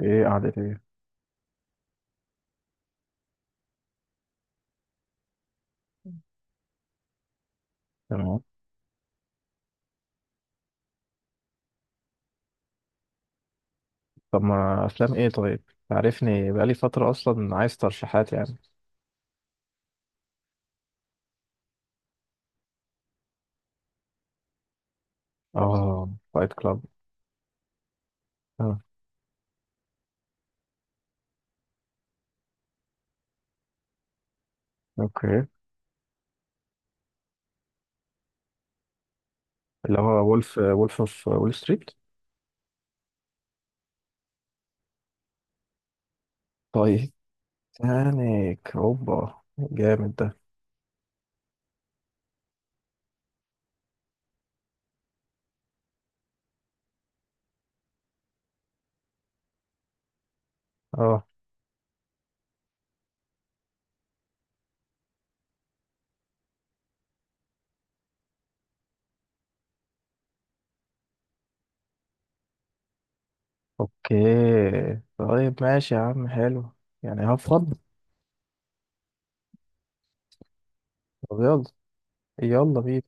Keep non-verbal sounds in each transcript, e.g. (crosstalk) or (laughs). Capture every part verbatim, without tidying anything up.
ايه قعدة ايه؟ تمام. طب ما افلام ايه؟ طيب، تعرفني، بقالي فترة اصلا عايز ترشيحات يعني. اه، فايت كلاب. آه. اوكي. اللي هو وولف وولف اوف وول ستريت. طيب. تانيك اوبا جامد ده. اه. اوكي. طيب ماشي يا عم، حلو. يعني هفض. طب يلا. يلا بينا.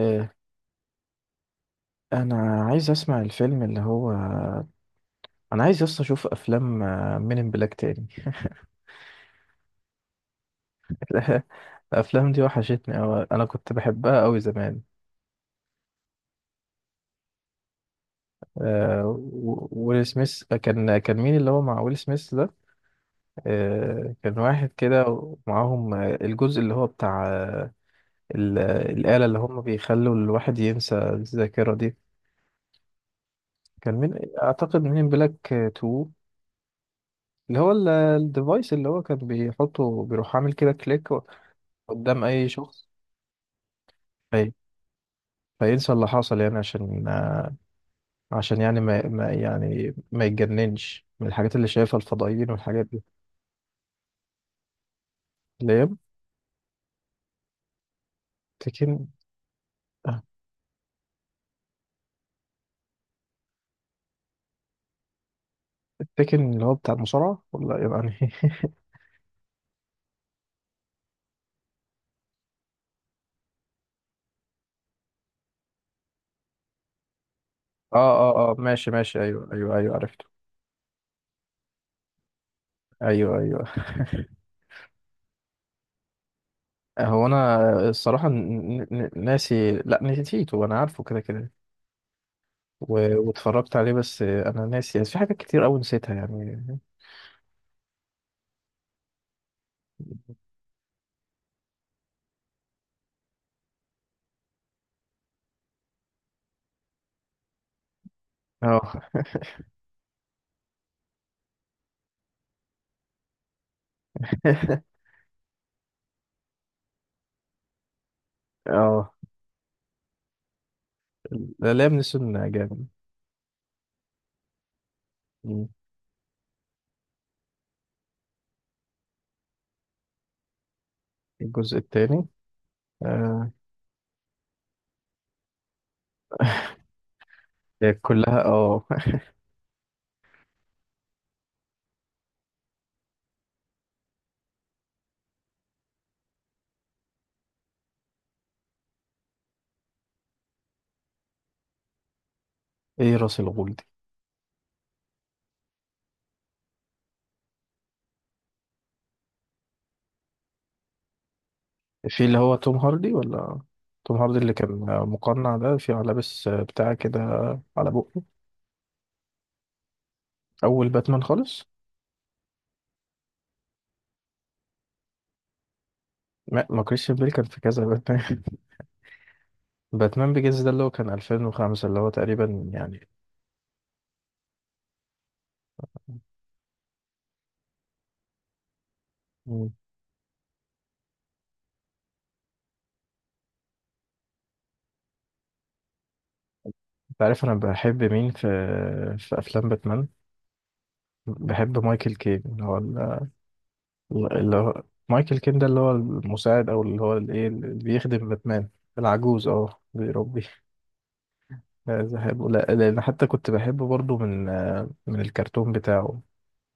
إيه. انا عايز اسمع الفيلم اللي هو، انا عايز اصلا اشوف افلام من ان بلاك تاني. (laughs) الافلام دي وحشتني أوي، انا كنت بحبها أوي زمان. آه. و- ويل سميث كان كان مين اللي هو مع ويل سميث ده؟ آه، كان واحد كده ومعاهم، آه، الجزء اللي هو بتاع آه، ال- آه، الآلة اللي هم بيخلوا الواحد ينسى الذاكرة دي. كان مين؟ اعتقد مين بلاك تو، اللي هو ال- الديفايس اللي هو كان بيحطه، بيروح عامل كده كليك قدام اي شخص، في- فينسى اللي حصل يعني، عشان عشان يعني ما, ما يعني ما يتجننش من الحاجات اللي شايفها الفضائيين والحاجات دي. اللي هي تكن. التكن اللي هو بتاع المصارعة، ولا يعني؟ (laughs) اه، اه، اه، ماشي، ماشي، ايوه، ايوه، ايوه، عرفته. ايوه، ايوه. (laughs) هو انا الصراحة ن- ن- ناسي، لا نسيته، انا عارفه كده كده. و- واتفرجت عليه، بس انا ناسي يعني، في حاجات كتير قوي نسيتها يعني. اه. (laughs) اه، لا، لام نسون جامد. مم. الجزء التاني. آه. كلها، اه. ايه راس الغول دي؟ في اللي هو توم هاردي، ولا توم هاردي اللي كان مقنع ده، في لابس بتاع كده على بقه؟ اول باتمان خالص. ما ما كريستيان بيل كان في كذا باتمان. (laughs) باتمان بيجز ده اللي هو كان الفين وخمسة، اللي هو تقريبا يعني. مم. انت عارف انا بحب مين في في افلام باتمان؟ بحب مايكل كين، اللي هو ال- اللي هو، مايكل كين ده اللي هو المساعد، او اللي هو الايه اللي بيخدم باتمان. العجوز، اه بيربي. عايز احبه لا لان حتى كنت بحبه برضو من آه، من الكرتون بتاعه.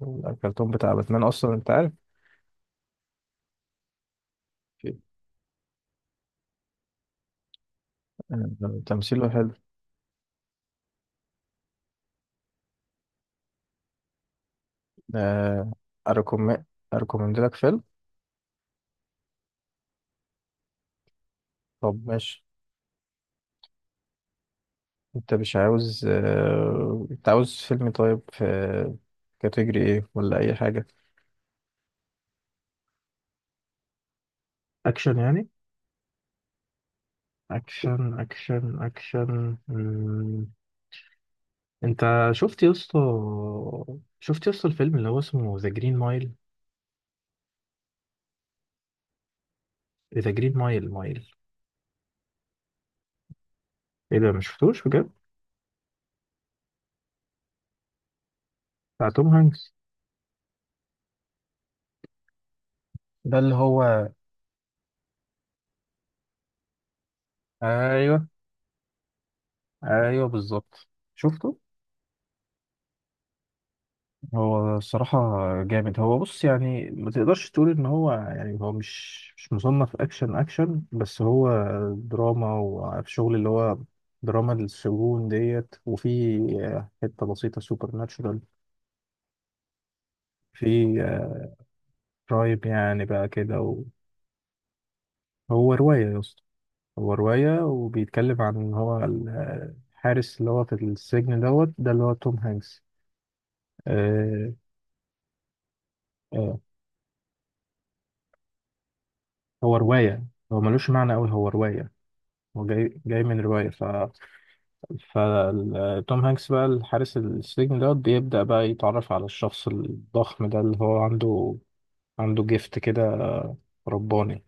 الكرتون بتاع باتمان اصلا، انت عارف؟ آه، تمثيله حلو. آه، أركم أركومند لك فيلم. طب ماشي. أنت مش عاوز آه، أنت عاوز فيلم، طيب في كاتيجري إيه، ولا أي حاجة؟ اكشن يعني؟ اكشن، اكشن، اكشن. مم. انت شفت يا اسطى، شفت يا اسطى الفيلم اللي هو اسمه ذا جرين مايل؟ ذا جرين مايل، مايل. ايه ده، مش شفتوش بجد؟ بتاع توم هانكس. ده اللي هو، ايوه، ايوه بالظبط، شفته. هو الصراحة جامد، هو بص يعني، ما تقدرش تقول ان هو يعني، هو مش مش مصنف اكشن اكشن، بس هو دراما، وعارف شغل اللي هو دراما السجون ديت، وفي حتة بسيطة سوبر ناتشورال، في كرايم يعني بقى كده. وهو رواية يا اسطى، هو رواية، وبيتكلم عن ان هو الحارس اللي هو في السجن دوت ده اللي هو توم هانكس. آه، آه، هو رواية، هو ملوش معنى أوي، هو رواية. هو جاي جاي من رواية، ف فتوم هانكس بقى الحارس السجن ده بيبدأ بقى يتعرف على الشخص الضخم ده اللي هو عنده عنده جيفت كده رباني.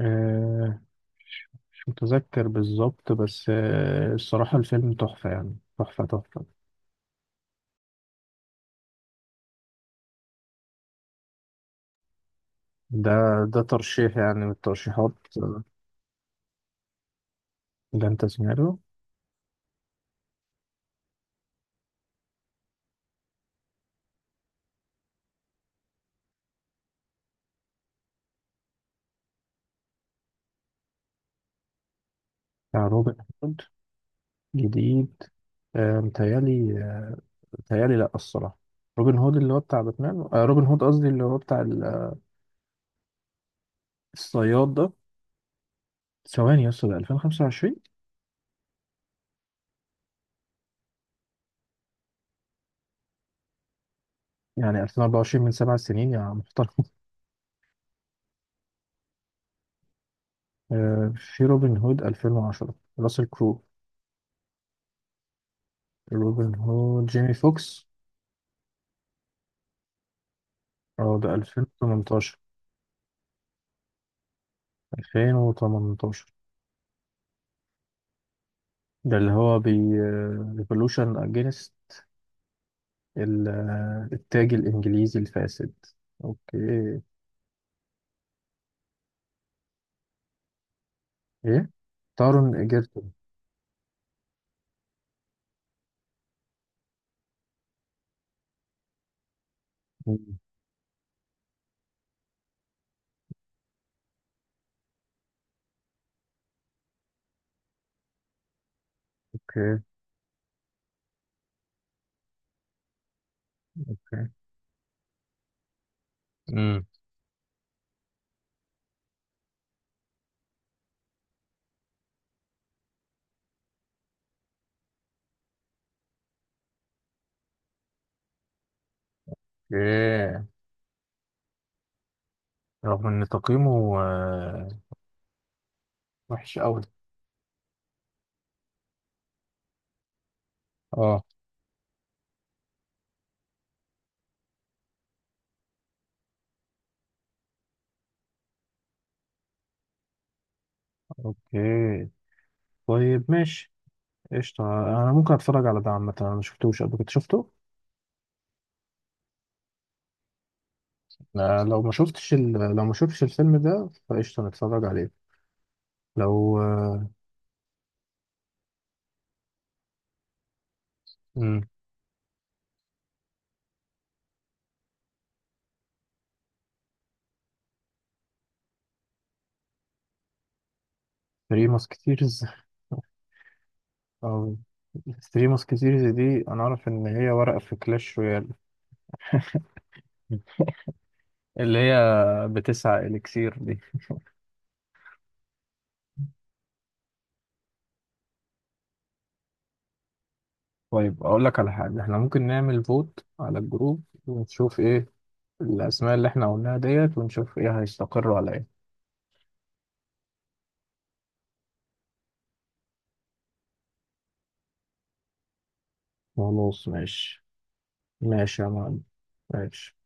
آه، مش متذكر بالظبط، بس آه، الصراحة الفيلم تحفة يعني، تحفة تحفة. ده، ده ترشيح يعني من الترشيحات. آه، ده انت سمعته. بتاع روبن هود؟ جديد. آه، متهيألي. بيتهيألي لأ الصراحة. روبن هود اللي هو بتاع باتمان، آه روبن هود قصدي، اللي هو بتاع ال- الصياد ده. ثواني يا اسطى، ده الفين وخمسة وعشرين؟ يعني الفين واربعة وعشرين من سبع سنين يا محترم؟ (laughs) آه، في روبن هود الفين وعشرة راسل كرو. روبن هود جيمي فوكس. اه، ده الفين وتمنتاشر. الفين وتمنتاشر ده اللي هو بي ريفولوشن اجينست التاج الانجليزي الفاسد. اوكي. ايه، تارون ايجرتون. مم. اوكي. اوكي. امم. اوكي. رغم ان تقييمه، آه، وحش قوي. اه. اوكي. طيب ماشي. قشطة، انا ممكن اتفرج على ده عامة، انا ما شفتوش قبل كده، شفته. لا، لو ما شفتش ال... لو ما شفتش الفيلم ده فقشطة نتفرج عليه. لو. امم. ثري ماسكتيرز. (laughs) او ثري ماسكتيرز دي، انا اعرف ان هي ورقة في كلاش رويال، اللي هي بتسعة اليكسير دي. (laughs) طيب اقول لك على حاجة، احنا ممكن نعمل فوت على الجروب ونشوف ايه الأسماء اللي احنا قلناها ديت، ونشوف ايه هيستقروا على ايه. خلاص ماشي. ماشي يا معلم. ماشي.